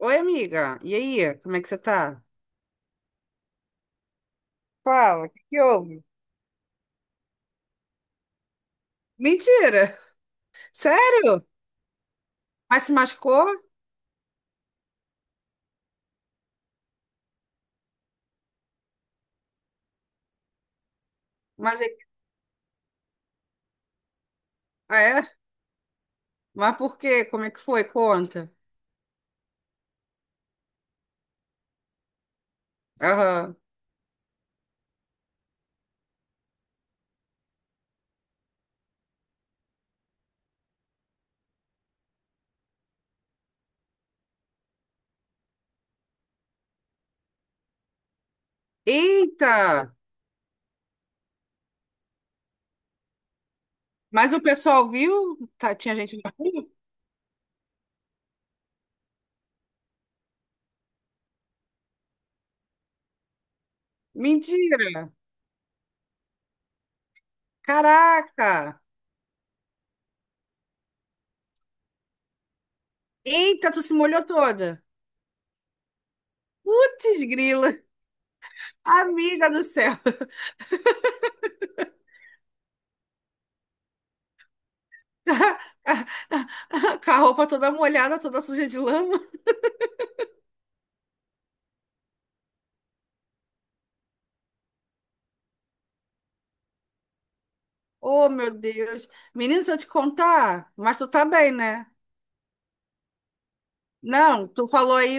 Oi, amiga. E aí, como é que você tá? Fala, o que que houve? Mentira! Sério? Mas se machucou? Mas é? É? Mas por quê? Como é que foi? Conta. Aham. Eita! Mas o pessoal viu? Tá, tinha gente. Mentira! Caraca! Eita, tu se molhou toda! Putz, grila! Amiga do céu! Com a roupa toda molhada, toda suja de lama. Oh, meu Deus. Menino, se eu te contar, mas tu tá bem, né? Não,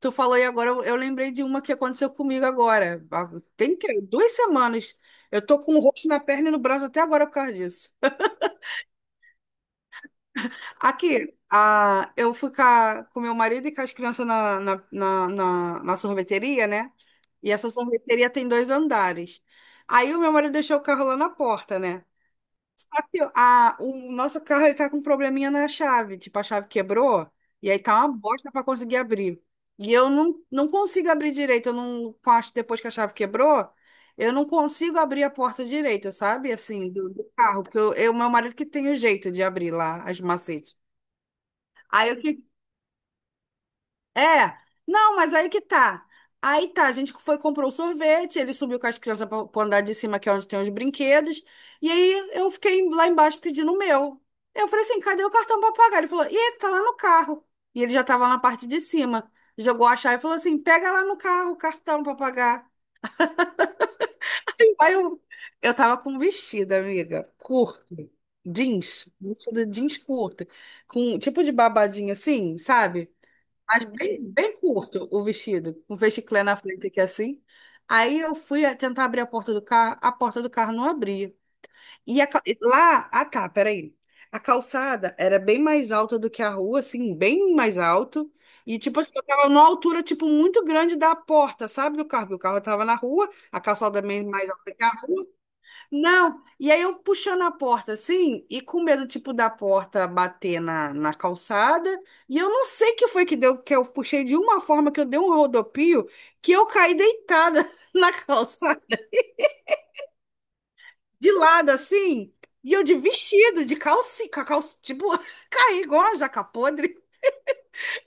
tu falou aí agora, eu lembrei de uma que aconteceu comigo agora. Tem que, duas semanas. Eu tô com o roxo na perna e no braço até agora por causa disso. Aqui, eu fui com, com meu marido e com as crianças na sorveteria, né? E essa sorveteria tem dois andares. Aí o meu marido deixou o carro lá na porta, né? A, o nosso carro ele tá com um probleminha na chave. Tipo, a chave quebrou e aí tá uma bosta pra conseguir abrir. E eu não, não consigo abrir direito. Eu não, depois que a chave quebrou, eu não consigo abrir a porta direita, sabe? Assim, do carro. Porque meu marido que tem o jeito de abrir lá as macetes. Aí o que é, não, mas aí que tá. Aí tá, a gente foi, comprou o sorvete, ele subiu com as crianças pro andar de cima, que é onde tem os brinquedos, e aí eu fiquei lá embaixo pedindo o meu. Eu falei assim, cadê o cartão pra pagar? Ele falou, ih, tá lá no carro. E ele já tava lá na parte de cima. Jogou a chave e falou assim, pega lá no carro o cartão pra pagar. Aí eu tava com um vestido, amiga, curto, jeans, vestido jeans curto, com um tipo de babadinho assim, sabe? Mas bem curto o vestido, com um vesticlé na frente aqui assim. Aí eu fui tentar abrir a porta do carro, a porta do carro não abria. E e lá, ah tá, peraí. A calçada era bem mais alta do que a rua, assim, bem mais alto. E tipo assim, eu tava numa altura tipo muito grande da porta, sabe, do carro, porque o carro tava na rua, a calçada meio mais alta que a rua. Não, e aí eu puxando a porta assim, e com medo, tipo, da porta bater na calçada, e eu não sei que foi que deu, que eu puxei de uma forma que eu dei um rodopio, que eu caí deitada na calçada, de lado assim, e eu de vestido, de calcinha, com a calça, tipo, caí igual a jaca podre,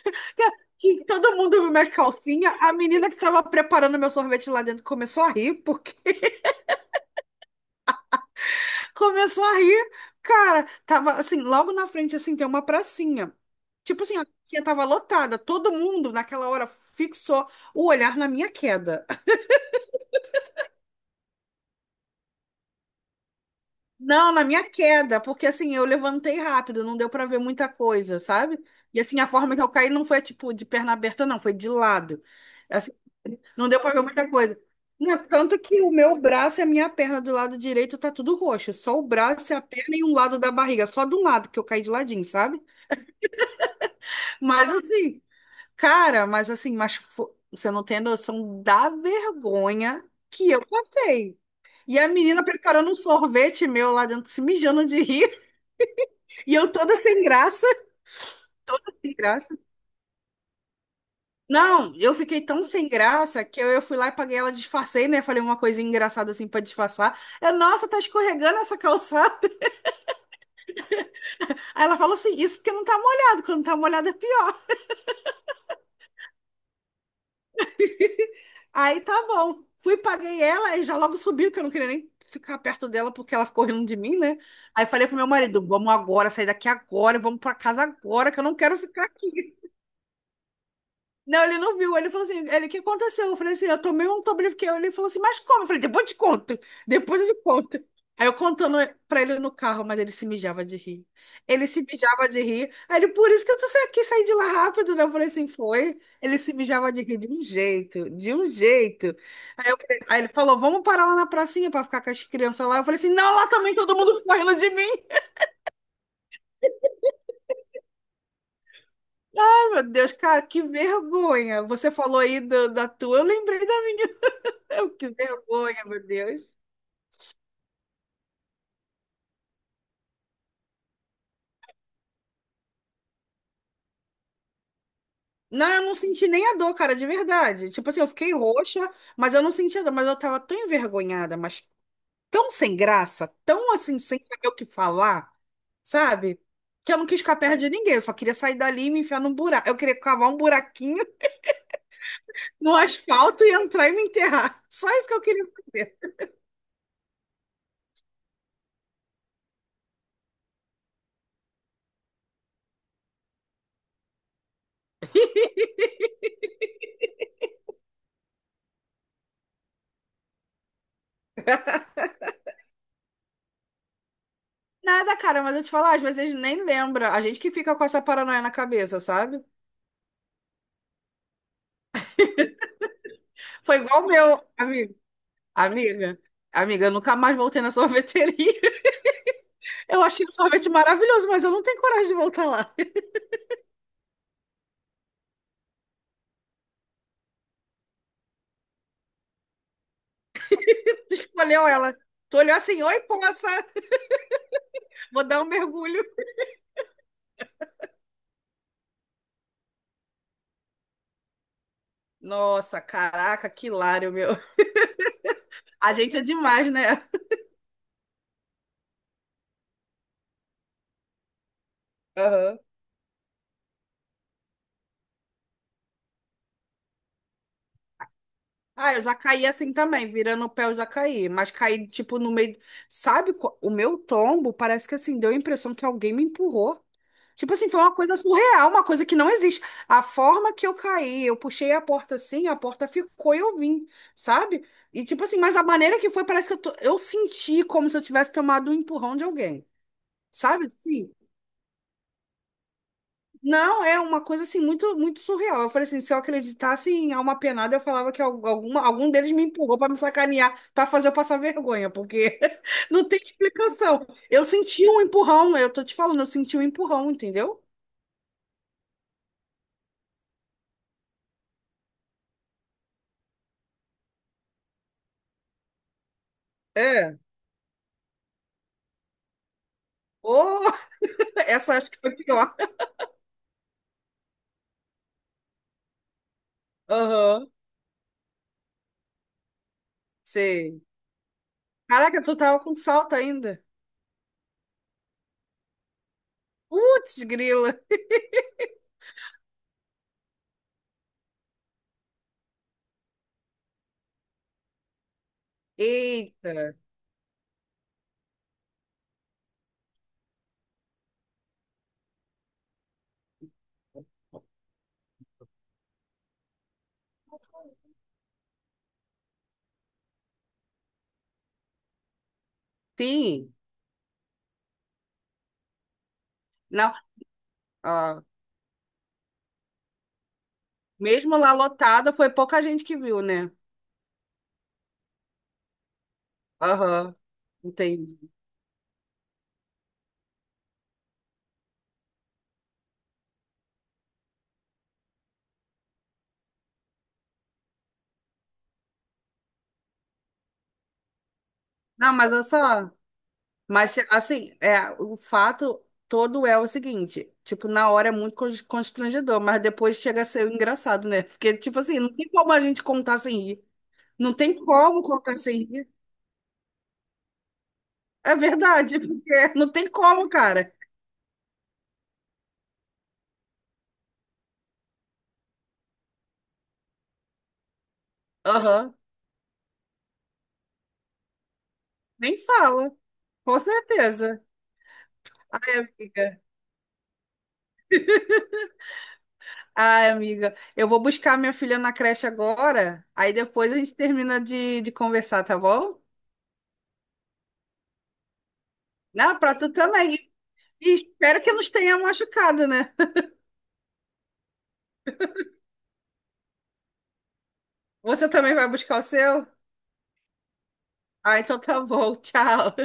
que todo mundo viu minha calcinha, a menina que estava preparando meu sorvete lá dentro começou a rir. Começou a rir. Cara, tava assim, logo na frente, assim, tem uma pracinha. Tipo assim, a pracinha tava lotada. Todo mundo, naquela hora, fixou o olhar na minha queda. Não, na minha queda, porque assim, eu levantei rápido, não deu pra ver muita coisa, sabe? E assim, a forma que eu caí não foi tipo de perna aberta, não, foi de lado. Assim, não deu pra ver muita coisa. Não, tanto que o meu braço e a minha perna do lado direito tá tudo roxo, só o braço e a perna e um lado da barriga, só de um lado que eu caí de ladinho, sabe? Mas assim, cara, mas assim, você não tem noção da vergonha que eu passei. E a menina preparando um sorvete meu lá dentro, se mijando de rir, e eu toda sem graça, toda sem graça. Não, eu fiquei tão sem graça que eu fui lá e paguei ela, disfarcei, né? Falei uma coisa engraçada assim pra disfarçar. Eu, nossa, tá escorregando essa calçada. Aí ela falou assim, isso porque não tá molhado, quando tá molhado é pior. Aí tá bom. Fui, paguei ela e já logo subiu, que eu não queria nem ficar perto dela porque ela ficou rindo de mim, né? Aí falei pro meu marido, vamos agora, sair daqui agora, vamos pra casa agora, que eu não quero ficar aqui. Não, ele não viu. Ele falou assim, ele, o que aconteceu? Eu falei assim, eu tomei um Tobriviquel. Ele falou assim, mas como? Eu falei, depois eu te conto. Depois eu te conto. Aí eu contando pra ele no carro, mas ele se mijava de rir. Ele se mijava de rir. Aí ele, por isso que eu quis sair de lá rápido, né? Eu falei assim, foi. Ele se mijava de rir de um jeito, de um jeito. Aí, aí ele falou, vamos parar lá na pracinha pra ficar com as crianças lá. Eu falei assim, não, lá também todo mundo correndo de mim. Ai, meu Deus, cara, que vergonha. Você falou aí da tua, eu lembrei da minha. Eu, que vergonha, meu Deus. Não, eu não senti nem a dor, cara, de verdade. Tipo assim, eu fiquei roxa, mas eu não senti a dor, mas eu tava tão envergonhada, mas tão sem graça, tão assim, sem saber o que falar, sabe? Que eu não quis ficar perto de ninguém, eu só queria sair dali e me enfiar num buraco. Eu queria cavar um buraquinho no asfalto e entrar e me enterrar. Só isso que eu queria fazer. Nada, cara, mas eu te falar, às vezes nem lembra. A gente que fica com essa paranoia na cabeça, sabe? Foi igual o meu, amigo. Amiga, amiga, eu nunca mais voltei na sorveteria. Eu achei o sorvete maravilhoso, mas eu não tenho coragem de voltar lá. Escolheu ela. Tu olhou assim, oi, poça, vou dar um mergulho. Nossa, caraca, que hilário, meu. A gente é demais, né? Aham. Ah, eu já caí assim também, virando o pé eu já caí, mas caí tipo no meio, sabe, o meu tombo parece que assim, deu a impressão que alguém me empurrou. Tipo assim, foi uma coisa surreal, uma coisa que não existe. A forma que eu caí, eu puxei a porta assim, a porta ficou e eu vim, sabe? E tipo assim, mas a maneira que foi, parece que eu senti como se eu tivesse tomado um empurrão de alguém, sabe? Não, é uma coisa assim muito muito surreal. Eu falei assim, se eu acreditasse em alma penada, eu falava que alguma, algum deles me empurrou para me sacanear, para fazer eu passar vergonha, porque não tem explicação. Eu senti um empurrão, eu tô te falando, eu senti um empurrão, entendeu? É. Oh, essa acho que foi pior. Aham, sei. Caraca, tu tava com salto ainda. Putz, grila. Eita. Sim. Não, ah, mesmo lá lotada, foi pouca gente que viu, né? Aham. Entendi. Não, mas olha só. Mas assim, é, o fato todo é o seguinte, tipo, na hora é muito constrangedor, mas depois chega a ser engraçado, né? Porque, tipo assim, não tem como a gente contar sem rir. Não tem como contar sem rir. É verdade, porque não tem como, cara. Aham. Nem fala, com certeza. Ai, amiga. Ai, amiga. Eu vou buscar minha filha na creche agora, aí depois a gente termina de conversar, tá bom? Não, pra tu também. E espero que nos tenha machucado, né? Você também vai buscar o seu? Ah, então tá bom. Tchau.